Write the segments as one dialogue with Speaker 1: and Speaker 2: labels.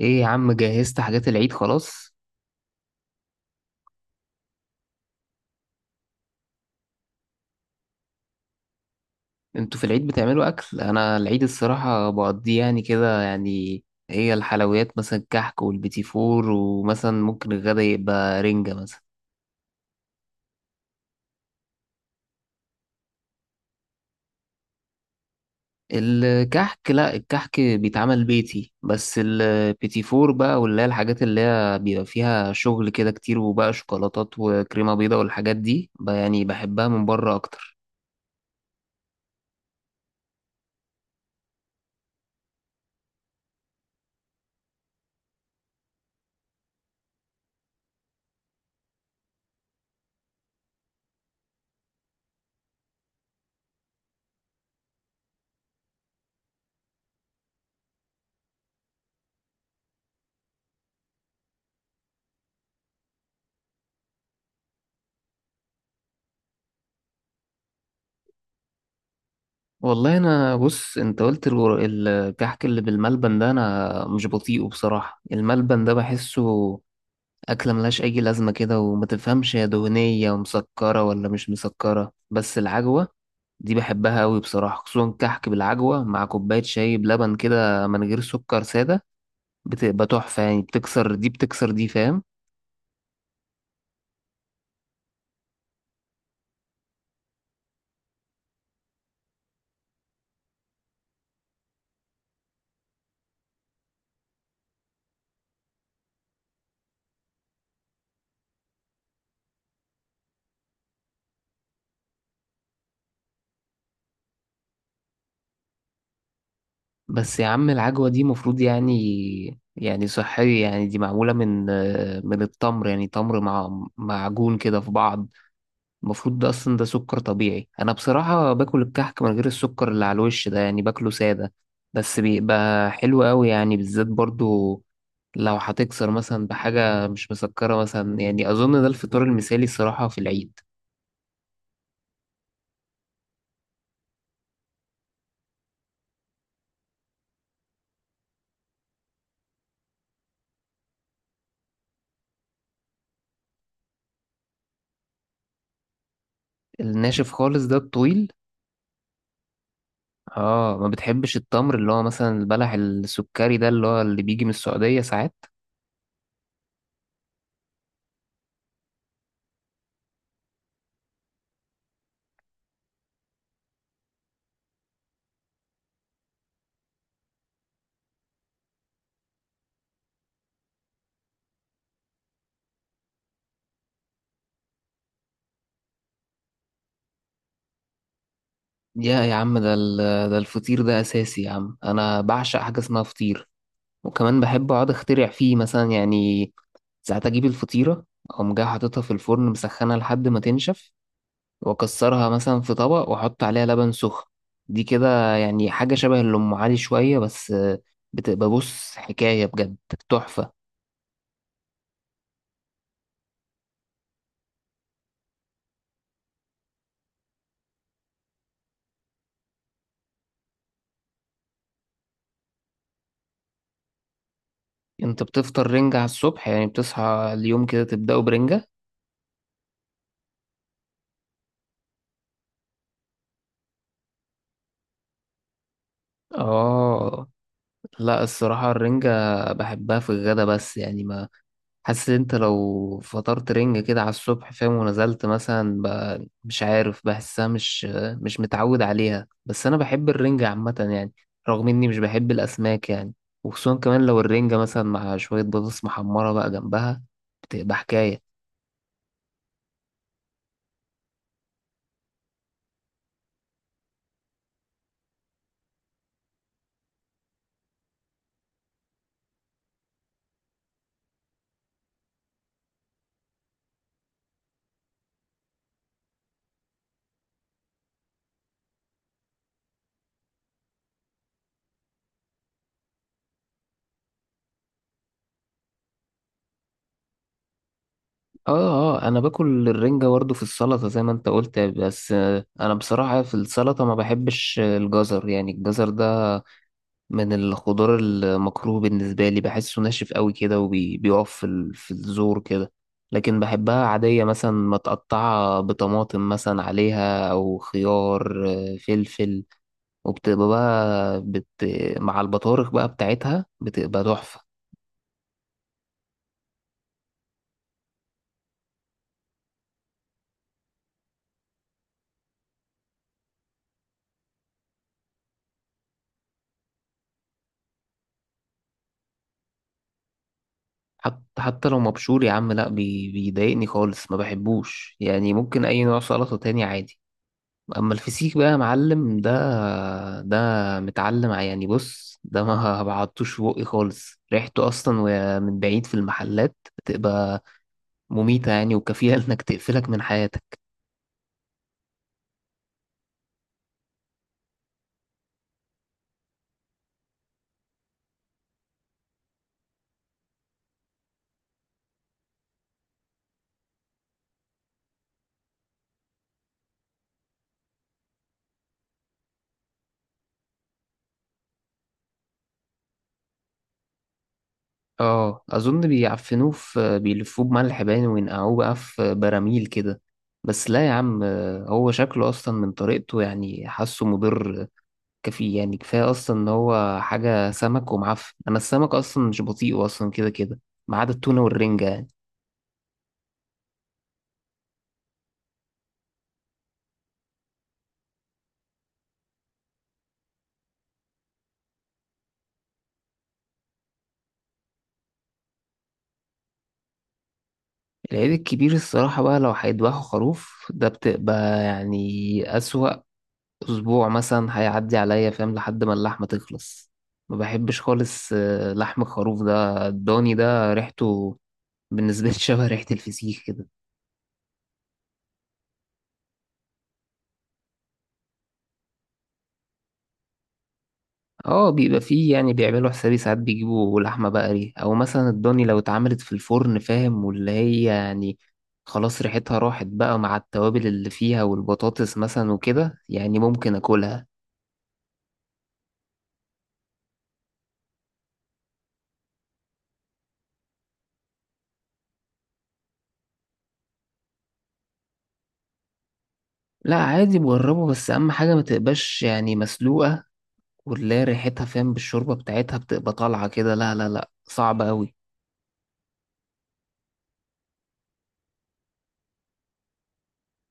Speaker 1: ايه يا عم، جهزت حاجات العيد خلاص؟ انتوا في العيد بتعملوا اكل؟ انا العيد الصراحة بقضيه يعني كده. هي الحلويات مثلا الكحك والبيتي فور، ومثلا ممكن الغدا يبقى رنجة مثلا. الكحك لا، الكحك بيتعمل بيتي، بس البيتي فور بقى واللي هي الحاجات اللي هي بيبقى فيها شغل كده كتير، وبقى شوكولاتات وكريمة بيضاء والحاجات دي بقى، يعني بحبها من بره اكتر. والله انا بص، انت قلت الكحك اللي بالملبن ده انا مش بطيقه بصراحة. الملبن ده بحسه اكلة ملهاش اي لازمة كده، وما تفهمش هي دهنية ومسكرة ولا مش مسكرة. بس العجوة دي بحبها قوي بصراحة، خصوصا كحك بالعجوة مع كوباية شاي بلبن كده من غير سكر سادة، بتبقى تحفة. يعني بتكسر دي، بتكسر دي، فاهم؟ بس يا عم العجوة دي مفروض يعني صحية، يعني دي معمولة من من التمر، يعني تمر مع معجون كده في بعض. المفروض ده اصلا ده سكر طبيعي. انا بصراحة باكل الكحك من غير السكر اللي على الوش ده، يعني باكله سادة، بس بيبقى حلو قوي يعني. بالذات برضو لو هتكسر مثلا بحاجة مش مسكرة مثلا، يعني اظن ده الفطار المثالي الصراحة في العيد. الناشف خالص ده الطويل. اه، ما بتحبش التمر اللي هو مثلا البلح السكري ده اللي هو اللي بيجي من السعودية ساعات؟ يا عم ده الفطير ده اساسي يا عم. انا بعشق حاجة اسمها فطير، وكمان بحب اقعد اخترع فيه مثلا يعني. ساعات اجيب الفطيرة، اقوم جاي حاططها في الفرن مسخنة لحد ما تنشف، واكسرها مثلا في طبق، واحط عليها لبن سخن. دي كده يعني حاجة شبه اللي ام علي شوية، بس بتبقى، بص، حكاية بجد، تحفة. انت بتفطر رنجة على الصبح؟ يعني بتصحى اليوم كده تبدأه برنجة؟ اه. لا الصراحة الرنجة بحبها في الغدا، بس يعني ما، حاسس انت لو فطرت رنج كده على الصبح، فاهم، ونزلت مثلا مش عارف، بحسها مش، مش متعود عليها. بس انا بحب الرنجة عامة يعني، رغم اني مش بحب الاسماك يعني. وخصوصا كمان لو الرنجة مثلا مع شوية بطاطس محمرة بقى جنبها، بتبقى حكاية. اه اه، انا باكل الرنجة برضه في السلطة زي ما انت قلت، بس آه، انا بصراحة في السلطة ما بحبش الجزر. يعني الجزر ده من الخضار المكروه بالنسبة لي، بحسه ناشف قوي كده، وبيقف في في الزور كده. لكن بحبها عادية مثلا متقطعة بطماطم مثلا عليها، أو خيار، آه، فلفل. وبتبقى بقى بت... مع البطارخ بقى بتاعتها، بتبقى تحفة. حتى لو مبشور يا عم لا، بي... بيضايقني خالص، ما بحبوش يعني. ممكن أي نوع سلطة تاني عادي، اما الفسيخ بقى يا معلم، ده ده متعلم يعني بص، ده ما بعضتوش في بقي خالص. ريحته اصلا وهي من بعيد في المحلات بتبقى مميتة يعني، وكفيلة انك تقفلك من حياتك. اه اظن بيعفنوه في، بيلفوه بملح باين وينقعوه بقى في براميل كده، بس لا يا عم، هو شكله اصلا من طريقته يعني حاسه مضر. كفي يعني كفاية اصلا ان هو حاجة سمك ومعفن. انا السمك اصلا مش بطيء اصلا كده كده، ما عدا التونة والرنجة يعني. العيد الكبير الصراحة بقى، لو هيدبحوا خروف ده، بتبقى يعني أسوأ أسبوع مثلا هيعدي عليا فاهم، لحد ما اللحمة تخلص. ما بحبش خالص آه، لحم الخروف ده، الضاني ده ريحته بالنسبة لي شبه ريحة الفسيخ كده. اه بيبقى فيه يعني، بيعملوا حسابي، ساعات بيجيبوا لحمة بقري، أو مثلا الضاني لو اتعملت في الفرن فاهم، واللي هي يعني خلاص ريحتها راحت بقى مع التوابل اللي فيها والبطاطس مثلا وكده، يعني ممكن أكلها. لا عادي بجربه، بس اهم حاجه ما تبقاش يعني مسلوقه، واللي هي ريحتها فاهم بالشوربه بتاعتها بتبقى طالعه كده، لا، صعبه قوي.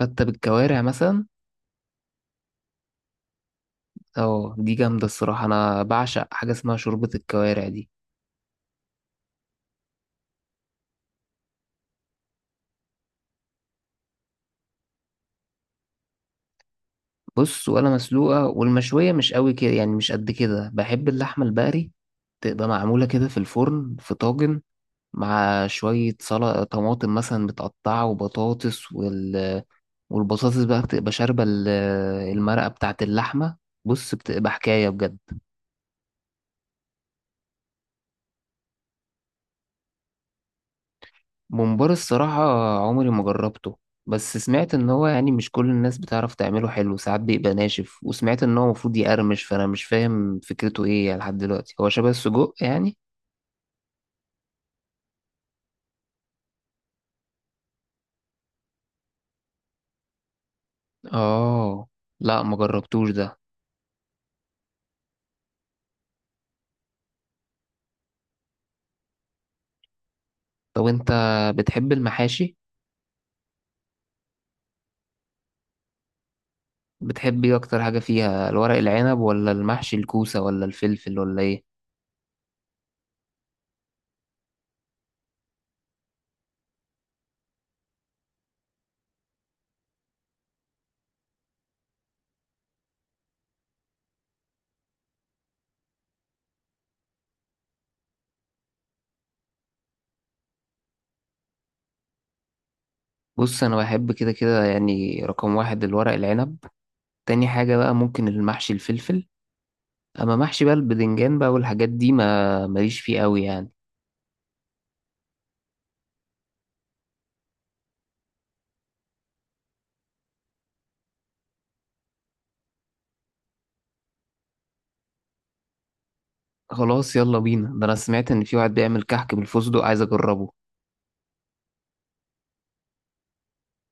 Speaker 1: فتة بالكوارع مثلا. اه دي جامده الصراحه، انا بعشق حاجه اسمها شوربه الكوارع دي. بص، ولا مسلوقه والمشويه مش قوي كده يعني، مش قد كده. بحب اللحمه البقري تبقى معموله كده في الفرن في طاجن، مع شويه سلطه طماطم مثلا متقطعه وبطاطس والبطاطس بقى بتبقى شاربة المرقة بتاعة اللحمة، بص بتبقى حكاية بجد. ممبار الصراحة عمري ما جربته، بس سمعت ان هو يعني مش كل الناس بتعرف تعمله حلو، ساعات بيبقى ناشف، وسمعت ان هو المفروض يقرمش، فانا مش فاهم فكرته ايه يعني لحد دلوقتي. هو شبه السجق يعني؟ اه. لا ما جربتوش ده. طب انت بتحب المحاشي؟ بتحب ايه اكتر حاجة فيها، الورق العنب ولا المحشي الكوسة ولا الفلفل ولا ايه؟ بص انا بحب كده كده، يعني رقم واحد الورق العنب، تاني حاجة بقى ممكن المحشي الفلفل. أما محشي بقى البدنجان بقى والحاجات دي، ما ماليش فيه قوي يعني. خلاص يلا بينا. ده أنا سمعت إن في واحد بيعمل كحك بالفستق، عايز أجربه.